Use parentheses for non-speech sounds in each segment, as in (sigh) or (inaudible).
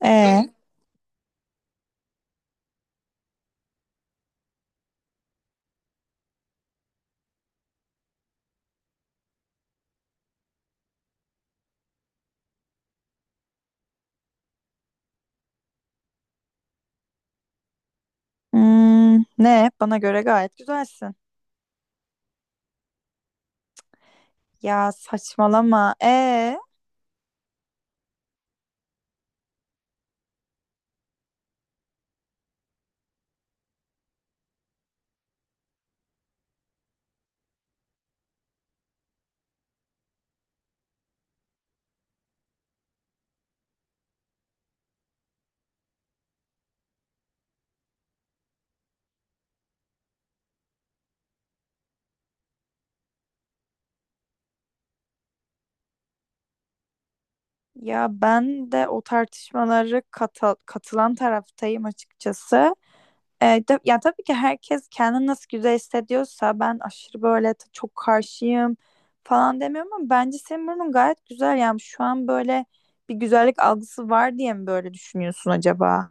Ee, hmm, ne? Bana göre gayet güzelsin. Ya saçmalama. Ya ben de o tartışmaları katılan taraftayım açıkçası. Ya tabii ki herkes kendini nasıl güzel hissediyorsa ben aşırı böyle çok karşıyım falan demiyorum ama bence senin burnun gayet güzel. Yani şu an böyle bir güzellik algısı var diye mi böyle düşünüyorsun acaba?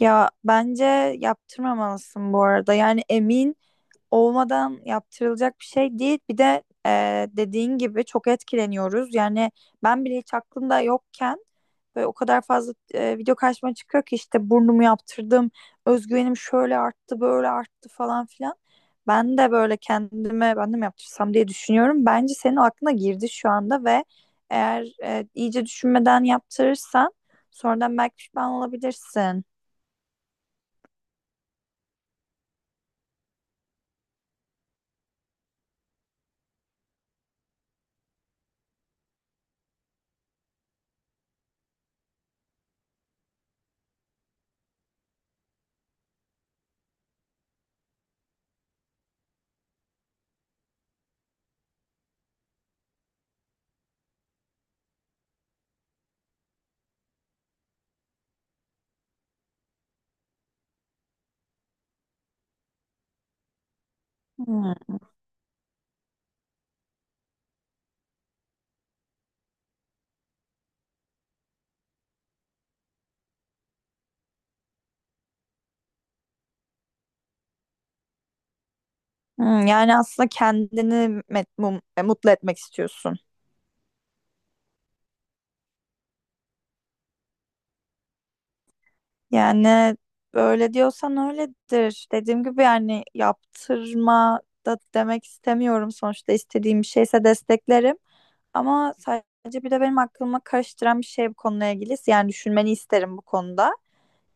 Ya bence yaptırmamalısın bu arada. Yani emin olmadan yaptırılacak bir şey değil. Bir de dediğin gibi çok etkileniyoruz. Yani ben bile hiç aklımda yokken ve o kadar fazla video karşıma çıkıyor ki işte burnumu yaptırdım, özgüvenim şöyle arttı, böyle arttı falan filan. Ben de böyle kendime ben de mi yaptırsam diye düşünüyorum. Bence senin aklına girdi şu anda ve eğer iyice düşünmeden yaptırırsan sonradan belki pişman olabilirsin. Hmm. Yani aslında kendini mutlu etmek istiyorsun. Yani böyle diyorsan öyledir. Dediğim gibi yani yaptırma da demek istemiyorum. Sonuçta istediğim bir şeyse desteklerim. Ama sadece bir de benim aklıma karıştıran bir şey bu konuyla ilgili. Yani düşünmeni isterim bu konuda.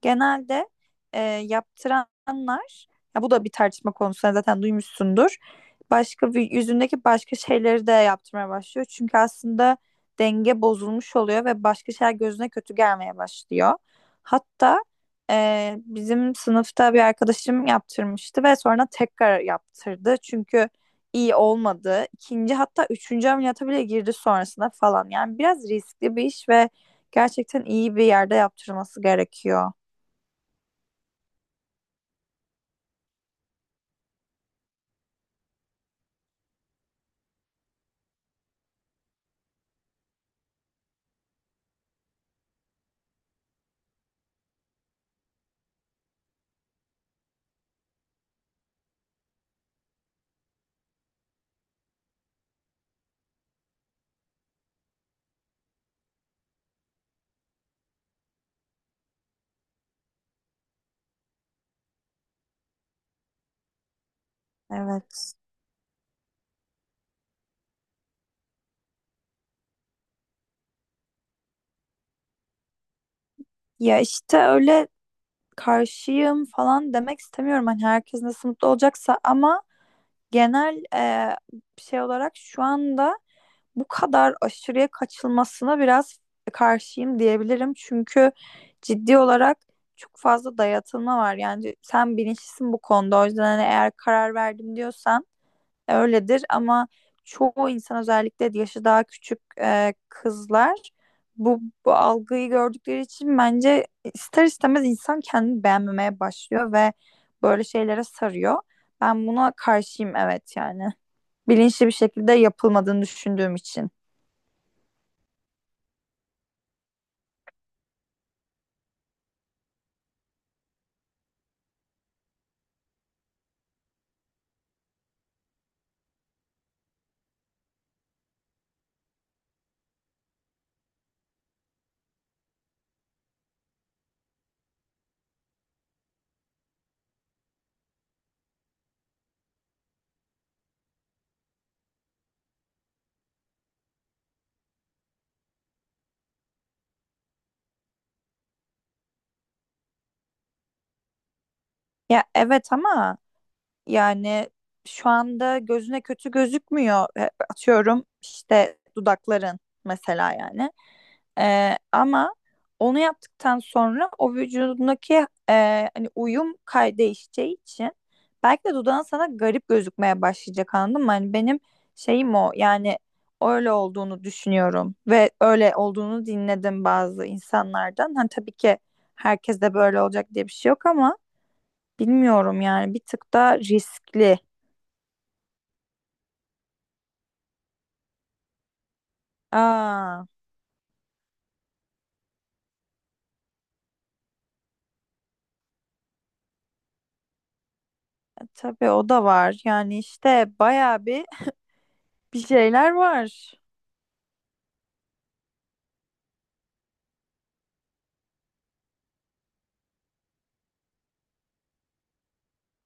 Genelde yaptıranlar ya bu da bir tartışma konusu, sen zaten duymuşsundur. Yüzündeki başka şeyleri de yaptırmaya başlıyor. Çünkü aslında denge bozulmuş oluyor ve başka şeyler gözüne kötü gelmeye başlıyor. Hatta bizim sınıfta bir arkadaşım yaptırmıştı ve sonra tekrar yaptırdı. Çünkü iyi olmadı. İkinci hatta üçüncü ameliyata bile girdi sonrasında falan. Yani biraz riskli bir iş ve gerçekten iyi bir yerde yaptırılması gerekiyor. Evet. Ya işte öyle karşıyım falan demek istemiyorum. Hani herkes nasıl mutlu olacaksa ama genel şey olarak şu anda bu kadar aşırıya kaçılmasına biraz karşıyım diyebilirim. Çünkü ciddi olarak çok fazla dayatılma var. Yani sen bilinçlisin bu konuda. O yüzden hani eğer karar verdim diyorsan öyledir ama çoğu insan, özellikle yaşı daha küçük kızlar, bu, bu algıyı gördükleri için bence ister istemez insan kendini beğenmemeye başlıyor ve böyle şeylere sarıyor. Ben buna karşıyım, evet yani. Bilinçli bir şekilde yapılmadığını düşündüğüm için. Ya evet ama yani şu anda gözüne kötü gözükmüyor. Atıyorum işte dudakların mesela yani. Ama onu yaptıktan sonra o vücudundaki hani uyum değişeceği için belki de dudağın sana garip gözükmeye başlayacak, anladın mı? Hani benim şeyim o yani öyle olduğunu düşünüyorum ve öyle olduğunu dinledim bazı insanlardan. Hani tabii ki herkes de böyle olacak diye bir şey yok ama bilmiyorum yani bir tık da riskli. Aa, tabii o da var. Yani işte bayağı bir şeyler var.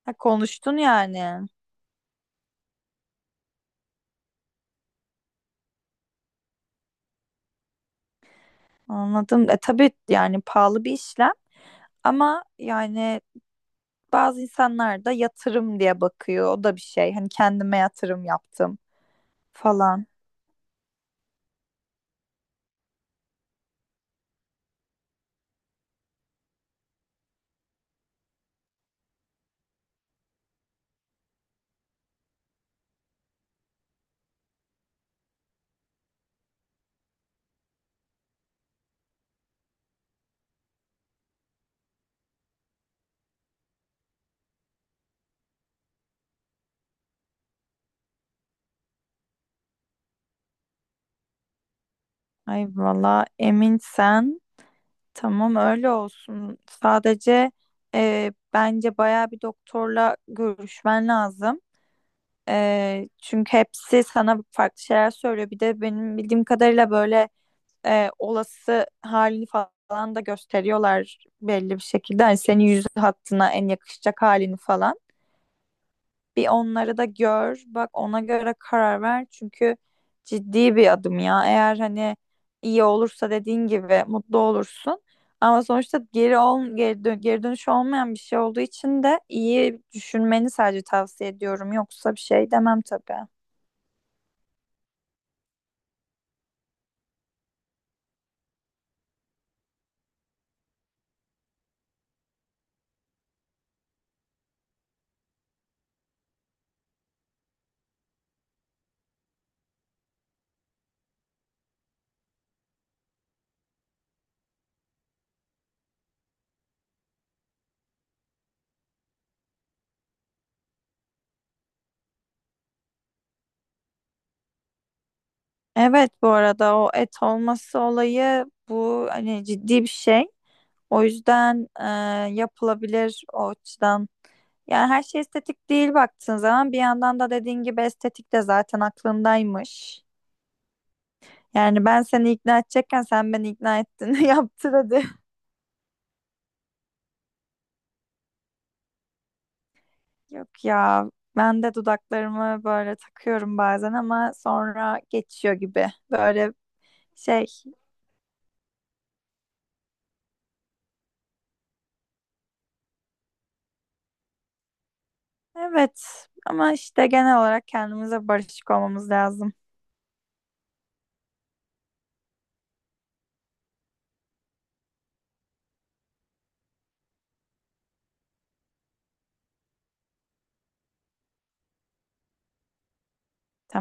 Ha, konuştun yani. Anladım. Tabii yani pahalı bir işlem ama yani bazı insanlar da yatırım diye bakıyor. O da bir şey. Hani kendime yatırım yaptım falan. Ay valla emin sen. Tamam öyle olsun. Sadece bence bayağı bir doktorla görüşmen lazım. Çünkü hepsi sana farklı şeyler söylüyor. Bir de benim bildiğim kadarıyla böyle olası halini falan da gösteriyorlar belli bir şekilde. Hani senin yüz hattına en yakışacak halini falan. Bir onları da gör, bak ona göre karar ver. Çünkü ciddi bir adım ya. Eğer hani iyi olursa dediğin gibi mutlu olursun. Ama sonuçta geri dönüşü olmayan bir şey olduğu için de iyi düşünmeni sadece tavsiye ediyorum. Yoksa bir şey demem tabii. Evet, bu arada o et olması olayı bu hani ciddi bir şey. O yüzden yapılabilir o açıdan. Yani her şey estetik değil baktığın zaman bir yandan da dediğin gibi estetik de zaten aklındaymış. Yani ben seni ikna edecekken sen beni ikna ettin. (laughs) Yaptır hadi. Yok ya ben de dudaklarımı böyle takıyorum bazen ama sonra geçiyor gibi. Böyle şey. Evet ama işte genel olarak kendimize barışık olmamız lazım.